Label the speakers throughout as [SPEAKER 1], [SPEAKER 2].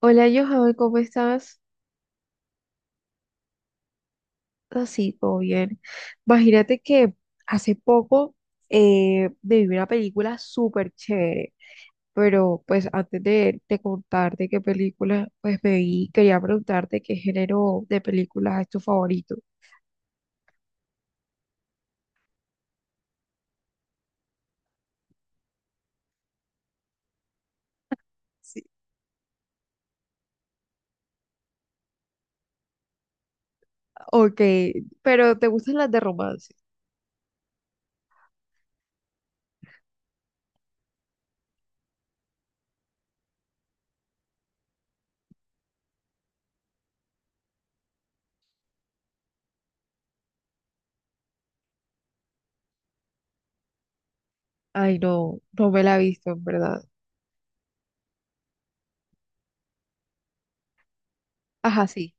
[SPEAKER 1] Hola Johan, ¿cómo estás? Así, todo bien. Imagínate que hace poco me vi una película súper chévere, pero pues antes de contarte qué película pues me vi, quería preguntarte qué género de películas es tu favorito. Sí, ok, pero ¿te gustan las de romance? Ay, no me la he visto, en verdad. Ajá, sí,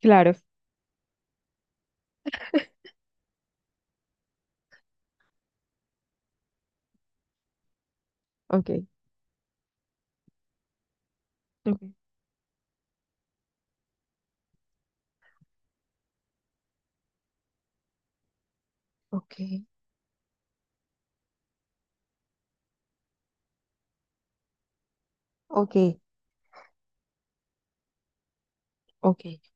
[SPEAKER 1] claro. Ok, ok, ok, ok, ok.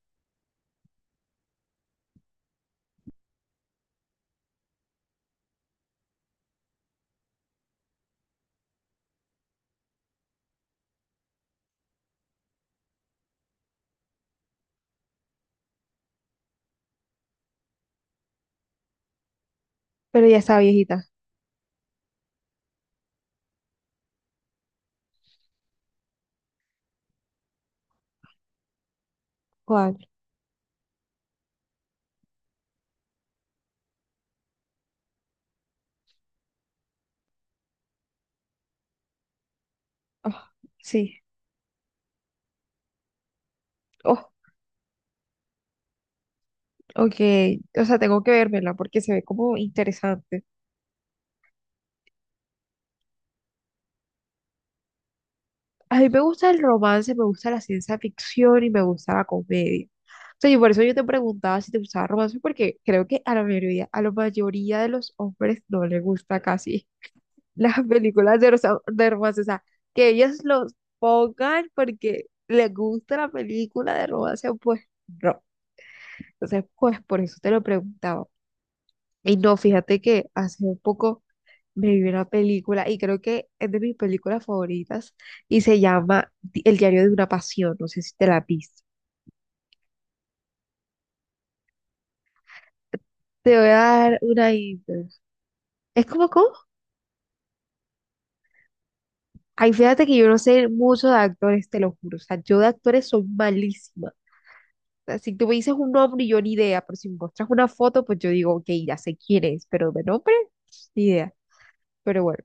[SPEAKER 1] Pero ya está viejita. ¿Cuál? Ah, sí. Oh, ok, o sea, tengo que vérmela porque se ve como interesante. A mí me gusta el romance, me gusta la ciencia ficción y me gusta la comedia. O sea, y por eso yo te preguntaba si te gustaba el romance, porque creo que a la mayoría de los hombres no les gusta casi las películas de, rosa- de romance. O sea, que ellos los pongan porque les gusta la película de romance, pues no. Entonces, pues por eso te lo preguntaba. Y no, fíjate que hace un poco. Me vi una película y creo que es de mis películas favoritas y se llama Di- El diario de una pasión. No sé si te la has visto. Te voy a dar una idea. Es como, ¿cómo? Ay, fíjate que yo no sé mucho de actores, te lo juro. O sea, yo de actores soy malísima. O sea, si tú me dices un nombre, yo ni idea, pero si me muestras una foto, pues yo digo, ok, ya sé quién es, pero de nombre, ni idea. Pero bueno,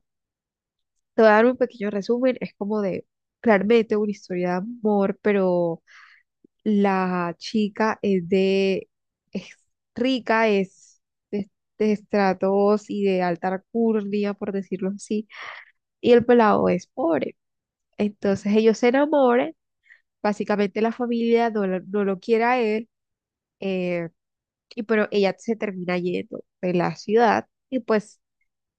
[SPEAKER 1] te voy a dar un pequeño resumen. Es como de, claramente, una historia de amor, pero la chica es de, es rica, es de, de estratos y de alta alcurnia, por decirlo así, y el pelado es pobre. Entonces ellos se enamoran, básicamente la familia no, lo no lo quiere a él, eh, y pero ella se termina yendo de la ciudad y pues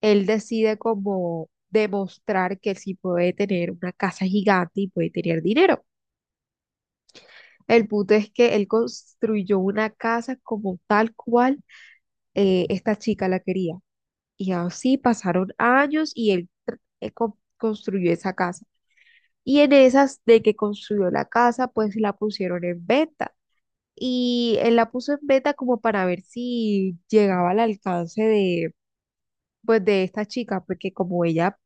[SPEAKER 1] él decide como demostrar que él sí puede tener una casa gigante y puede tener dinero. El punto es que él construyó una casa como tal cual esta chica la quería. Y así pasaron años y él construyó esa casa. Y en esas de que construyó la casa, pues la pusieron en venta. Y él la puso en venta como para ver si llegaba al alcance de, pues, de esta chica, porque como ella,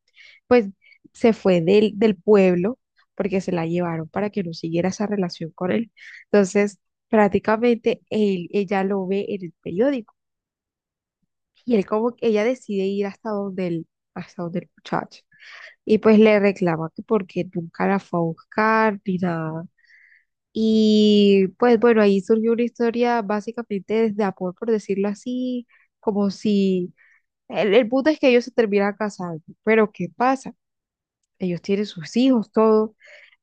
[SPEAKER 1] pues, se fue del pueblo, porque se la llevaron para que no siguiera esa relación con él. Entonces, prácticamente él, ella lo ve en el periódico, y él como que ella decide ir hasta donde el muchacho. Y pues le reclama que porque nunca la fue a buscar ni nada. Y pues bueno, ahí surgió una historia básicamente de amor, por decirlo así, como si el, el punto es que ellos se terminan casando. Pero ¿qué pasa? Ellos tienen sus hijos, todo.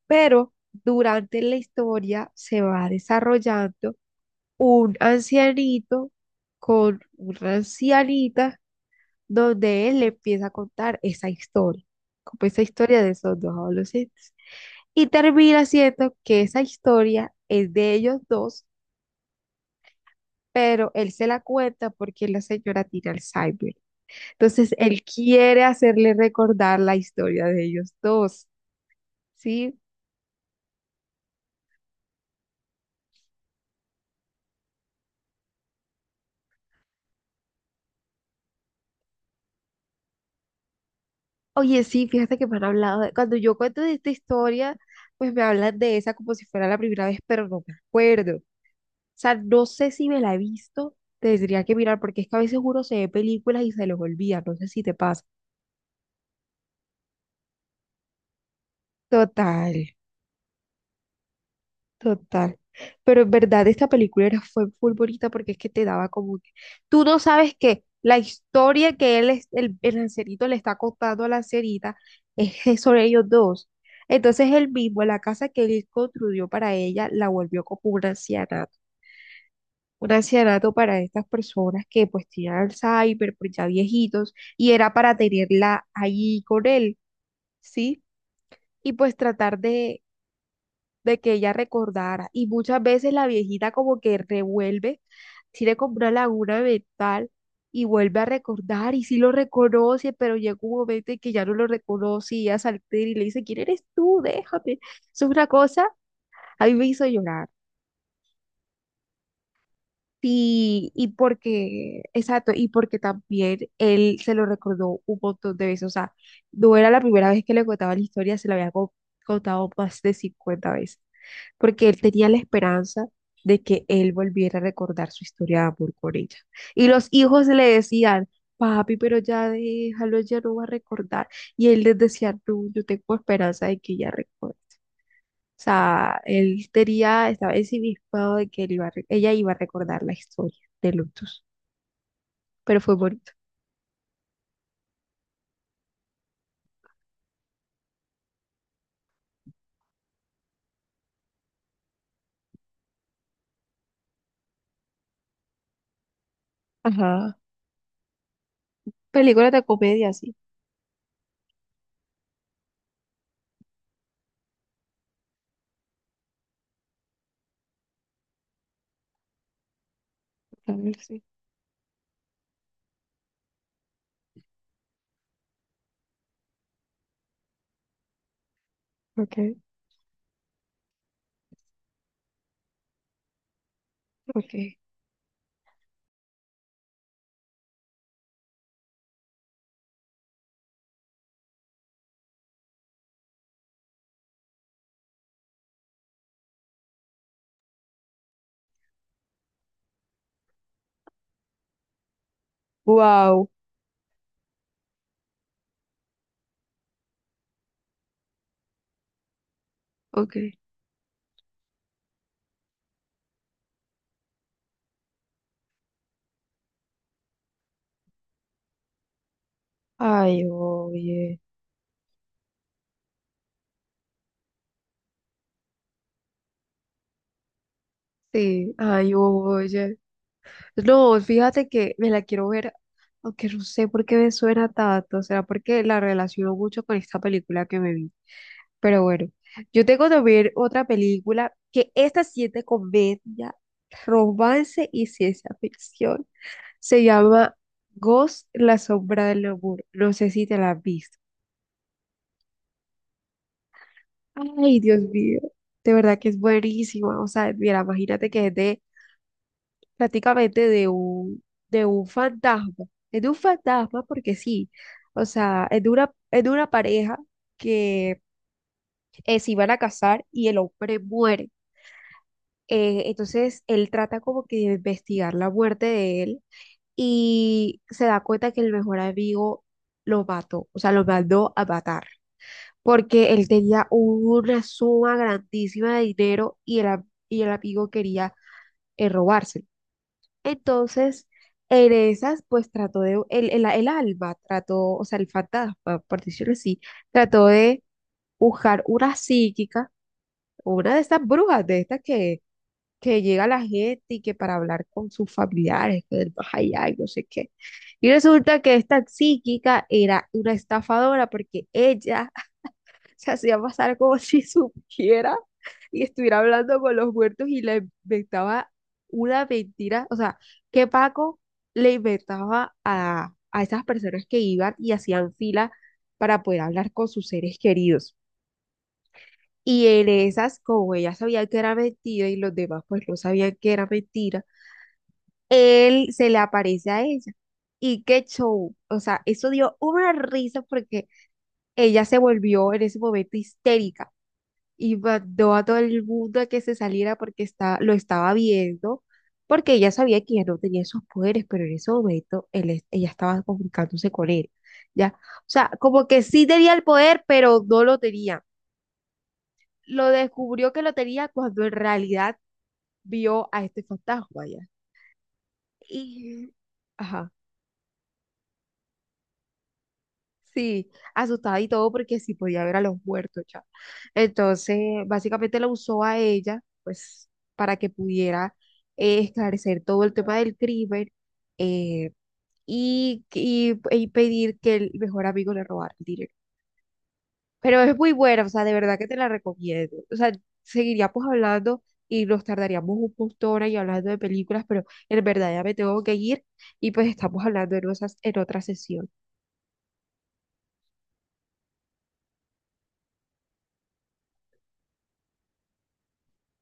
[SPEAKER 1] Pero durante la historia se va desarrollando un ancianito con una ancianita donde él le empieza a contar esa historia, como esa historia de esos dos adolescentes. Y termina siendo que esa historia es de ellos dos, pero él se la cuenta porque la señora tiene Alzheimer. Entonces, él quiere hacerle recordar la historia de ellos dos, ¿sí? Oye, sí, fíjate que me han hablado de- cuando yo cuento de esta historia, pues me hablan de esa como si fuera la primera vez, pero no me acuerdo. O sea, no sé si me la he visto, tendría que mirar, porque es que a veces uno se ve películas y se los olvida, no sé si te pasa. Total, total. Pero en verdad esta película era, fue muy bonita porque es que te daba como que... Tú no sabes que la historia que él, es- el lancerito le está contando a la lancerita es que sobre ellos dos. Entonces él mismo, la casa que él construyó para ella, la volvió como una anciana, un ancianato para estas personas que pues tienen Alzheimer, pues ya viejitos, y era para tenerla ahí con él, ¿sí? Y pues tratar de que ella recordara. Y muchas veces la viejita como que revuelve, tiene como una laguna mental y vuelve a recordar y sí lo reconoce, pero llega un momento en que ya no lo reconoce y ella se altera y le dice, ¿quién eres tú? Déjame. Eso es una cosa, a mí me hizo llorar. Sí, y porque, exacto, y porque también él se lo recordó un montón de veces, o sea, no era la primera vez que le contaba la historia, se la había contado más de 50 veces, porque él tenía la esperanza de que él volviera a recordar su historia de amor con ella. Y los hijos le decían, papi, pero ya déjalo, ya no va a recordar. Y él les decía, no, yo tengo esperanza de que ella recuerde. O sea, él tenía, estaba ensimismado de que él iba a re- ella iba a recordar la historia de Lutus, pero fue bonito. Ajá. Películas de comedia, sí. A ver, sí. Ok, ok. Wow. Ok. Ay, oye. Sí, ay, oye. No, fíjate que me la quiero ver, aunque no sé por qué me suena tanto, será porque la relaciono mucho con esta película que me vi. Pero bueno, yo tengo que ver otra película que esta sí es de comedia, romance y ciencia ficción. Se llama Ghost, la sombra del amor. No sé si te la has visto. Ay, Dios mío. De verdad que es buenísima. O sea, mira, imagínate que es de prácticamente de un fantasma. Es de un fantasma porque sí. O sea, es de una pareja que se iban a casar y el hombre muere. Entonces él trata como que de investigar la muerte de él y se da cuenta que el mejor amigo lo mató, o sea, lo mandó a matar, porque él tenía una suma grandísima de dinero y el amigo quería robárselo. Entonces, en esas, pues trató de, el alma trató, o sea, el fantasma, por decirlo así, trató de buscar una psíquica, una de estas brujas, de estas que llega la gente y que para hablar con sus familiares, que del más allá, y no sé qué. Y resulta que esta psíquica era una estafadora porque ella se hacía pasar como si supiera y estuviera hablando con los muertos y le inventaba una mentira. O sea, que Paco le inventaba a esas personas que iban y hacían fila para poder hablar con sus seres queridos. Y en esas, como ella sabía que era mentira y los demás pues no sabían que era mentira, él se le aparece a ella. Y qué show. O sea, eso dio una risa porque ella se volvió en ese momento histérica y mandó a todo el mundo a que se saliera porque está, lo estaba viendo, porque ella sabía que ella no tenía esos poderes, pero en ese momento ella estaba comunicándose con él. ¿Ya? O sea, como que sí tenía el poder, pero no lo tenía. Lo descubrió que lo tenía cuando en realidad vio a este fantasma, ¿ya? Y... Ajá. Sí, asustada y todo porque sí podía ver a los muertos, ya. Entonces, básicamente la usó a ella, pues, para que pudiera esclarecer todo el tema del crimen, eh, y pedir que el mejor amigo le robara el dinero. Pero es muy buena, o sea, de verdad que te la recomiendo. O sea, seguiríamos hablando y nos tardaríamos un montón ahí hablando de películas, pero en verdad ya me tengo que ir y pues estamos hablando en, en otra sesión.